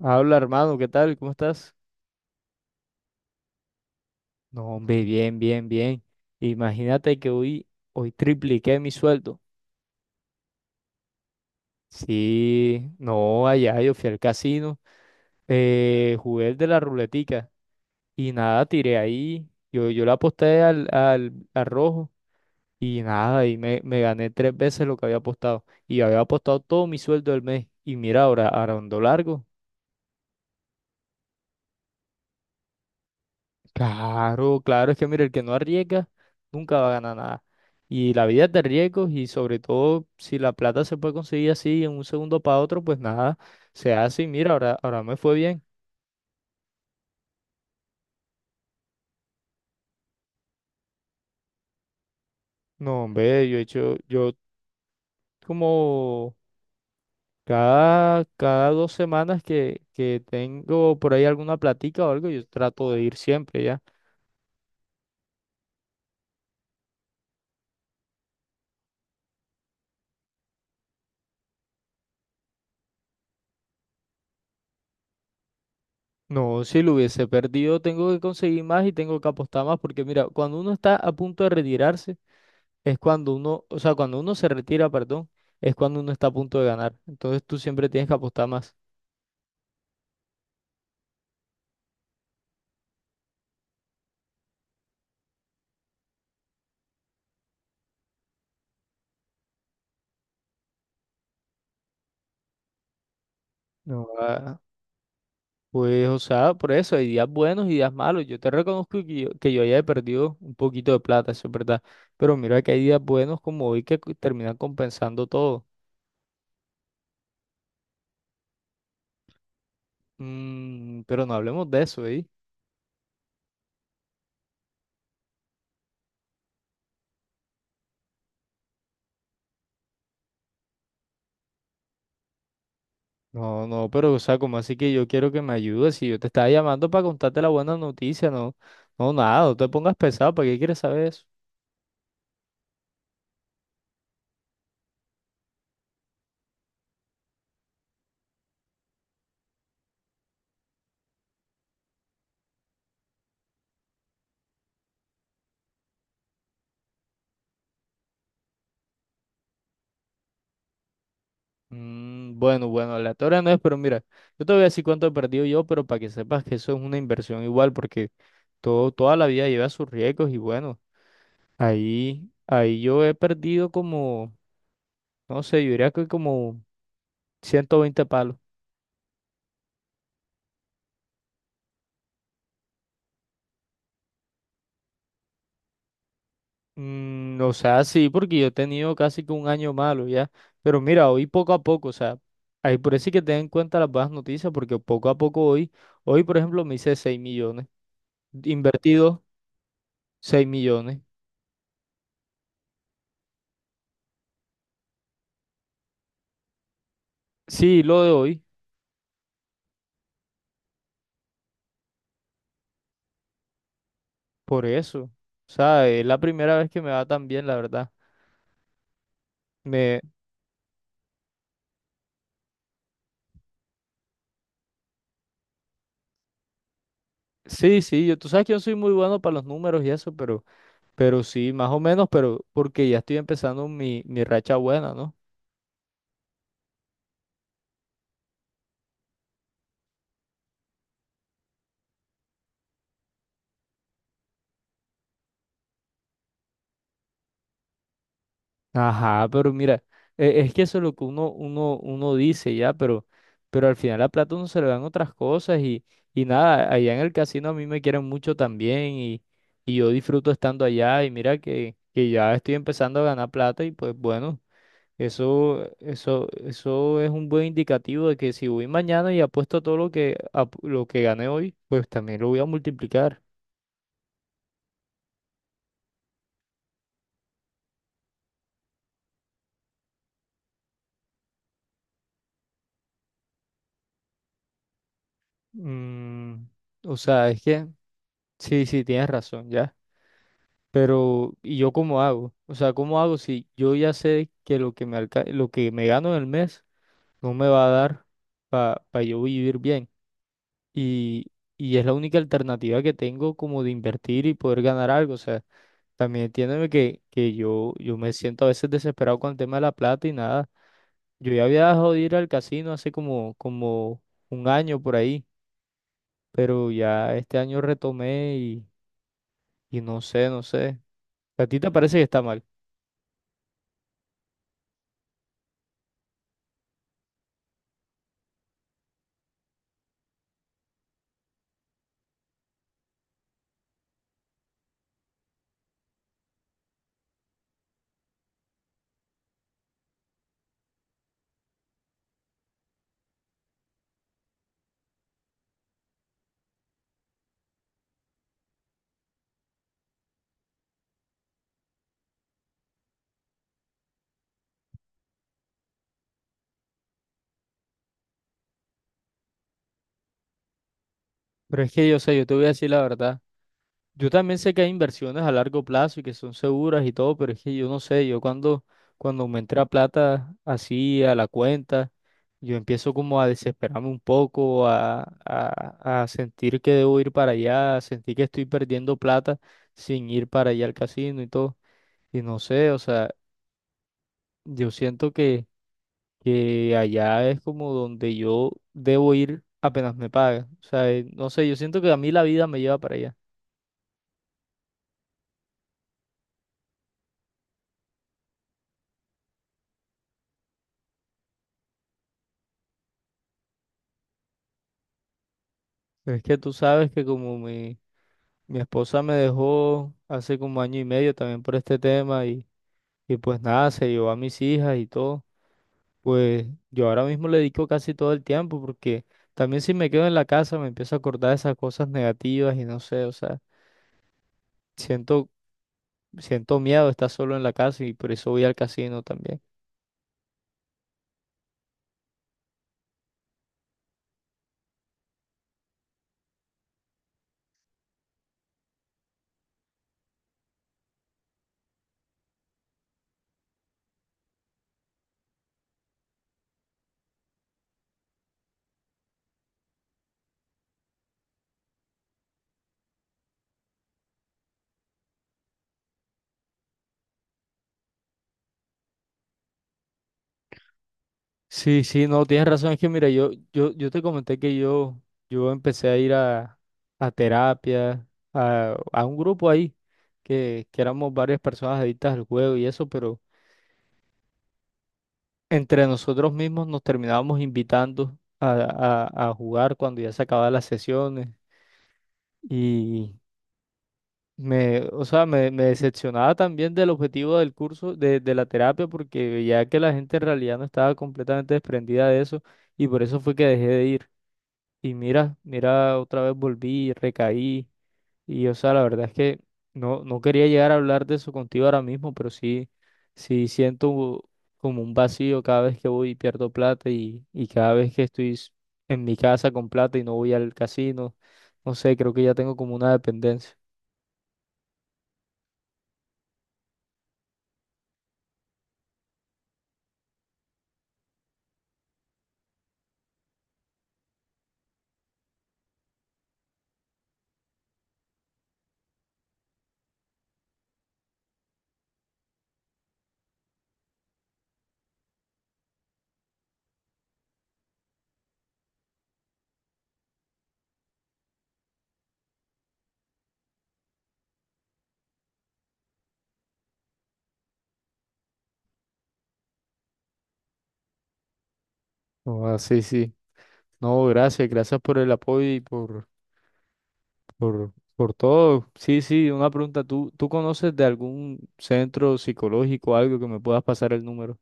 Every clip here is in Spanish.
Habla, hermano, ¿qué tal? ¿Cómo estás? No, hombre, bien, bien, bien. Imagínate que hoy tripliqué mi sueldo. Sí, no, allá yo fui al casino, jugué el de la ruletica y nada, tiré ahí. Yo le aposté al rojo y nada, y me gané tres veces lo que había apostado. Y había apostado todo mi sueldo del mes. Y mira, ahora ando largo. Claro, claro, es que mira, el que no arriesga nunca va a ganar. Y la vida es de riesgos y sobre todo si la plata se puede conseguir así en un segundo para otro, pues nada, se hace y mira, ahora me fue bien. No, hombre, yo he hecho, yo como cada 2 semanas que tengo por ahí alguna platica o algo, yo trato de ir siempre ya. No, si lo hubiese perdido, tengo que conseguir más y tengo que apostar más porque mira, cuando uno está a punto de retirarse, es cuando uno, o sea, cuando uno se retira, perdón, es cuando uno está a punto de ganar. Entonces tú siempre tienes que apostar más. No, ah, pues, o sea, por eso hay días buenos y días malos. Yo te reconozco que yo, ya he perdido un poquito de plata, eso es verdad. Pero mira que hay días buenos como hoy que terminan compensando todo. Pero no hablemos de eso, ¿eh? No, no, pero, o sea, como así que yo quiero que me ayudes? Si yo te estaba llamando para contarte la buena noticia, no, no, nada, no te pongas pesado, ¿para qué quieres saber eso? Bueno, bueno, aleatoria no es, pero mira, yo te voy a decir cuánto he perdido yo, pero para que sepas que eso es una inversión igual, porque. Todo, toda la vida lleva sus riesgos y bueno, ahí yo he perdido como, no sé, yo diría que como 120 palos. O sea, sí, porque yo he tenido casi que un año malo ya. Pero mira, hoy poco a poco, o sea, ahí por eso hay que tener en cuenta las buenas noticias, porque poco a poco hoy por ejemplo me hice 6 millones, invertido 6 millones. Sí, lo de hoy, por eso. O sea, es la primera vez que me va tan bien, la verdad. Me, sí, sí, yo, tú sabes que yo soy muy bueno para los números y eso, pero sí, más o menos, pero porque ya estoy empezando mi racha buena, ¿no? Ajá, pero mira, es que eso es lo que uno, uno dice ya, pero al final la plata uno se le dan otras cosas y nada, allá en el casino a mí me quieren mucho también y yo disfruto estando allá y mira que ya estoy empezando a ganar plata y pues bueno, eso, eso es un buen indicativo de que si voy mañana y apuesto todo lo que lo que gané hoy, pues también lo voy a multiplicar. Mm, o sea, es que sí, sí, tienes razón, ya. Pero, ¿y yo cómo hago? O sea, ¿cómo hago si yo ya sé que lo lo que me gano en el mes no me va a dar para yo vivir bien? Y, y es la única alternativa que tengo como de invertir y poder ganar algo. O sea, también entiéndeme que, yo me siento a veces desesperado con el tema de la plata y nada. Yo ya había dejado de ir al casino hace como, como un año por ahí, pero ya este año retomé. Y no sé, no sé. A ti te parece que está mal. Pero es que yo sé, yo te voy a decir la verdad. Yo también sé que hay inversiones a largo plazo y que son seguras y todo, pero es que yo no sé, yo cuando, cuando me entra plata así a la cuenta, yo empiezo como a desesperarme un poco, a sentir que debo ir para allá, a sentir que estoy perdiendo plata sin ir para allá al casino y todo. Y no sé, o sea, yo siento que allá es como donde yo debo ir apenas me pagan. O sea, no sé, yo siento que a mí la vida me lleva para allá. Pero es que tú sabes que como mi esposa me dejó hace como año y medio también por este tema y pues nada, se llevó a mis hijas y todo, pues yo ahora mismo le dedico casi todo el tiempo porque también si me quedo en la casa me empiezo a acordar de esas cosas negativas y no sé, o sea, siento, siento miedo de estar solo en la casa y por eso voy al casino también. Sí, sí, no, tienes razón. Es que mira, yo, yo te comenté que yo, empecé a ir a terapia, a un grupo ahí, que éramos varias personas adictas al juego y eso, pero entre nosotros mismos nos terminábamos invitando a jugar cuando ya se acababan las sesiones. Y me, o sea, me decepcionaba también del objetivo del curso, de la terapia, porque veía que la gente en realidad no estaba completamente desprendida de eso, y por eso fue que dejé de ir. Y mira, mira, otra vez volví, recaí. Y o sea, la verdad es que no, no quería llegar a hablar de eso contigo ahora mismo, pero sí, sí siento como un vacío cada vez que voy y pierdo plata y cada vez que estoy en mi casa con plata y no voy al casino. No sé, creo que ya tengo como una dependencia. Oh, sí, sí. No, gracias, gracias por el apoyo y por todo. Sí, sí, una pregunta. ¿Tú conoces de algún centro psicológico, algo que me puedas pasar el número?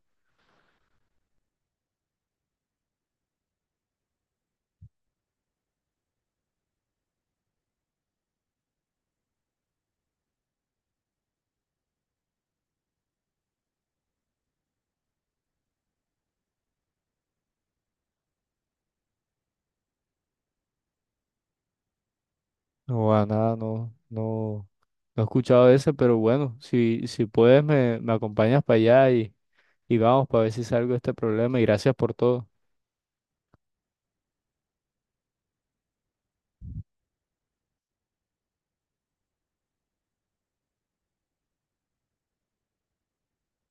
No, a nada, no he escuchado ese, pero bueno, si puedes me acompañas para allá y vamos para ver si salgo de este problema y gracias por todo.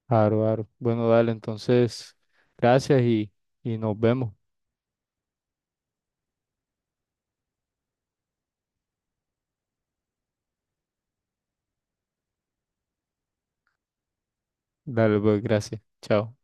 Aro, aro. Bueno, dale, entonces, gracias y nos vemos. Dale, pues, gracias. Chao.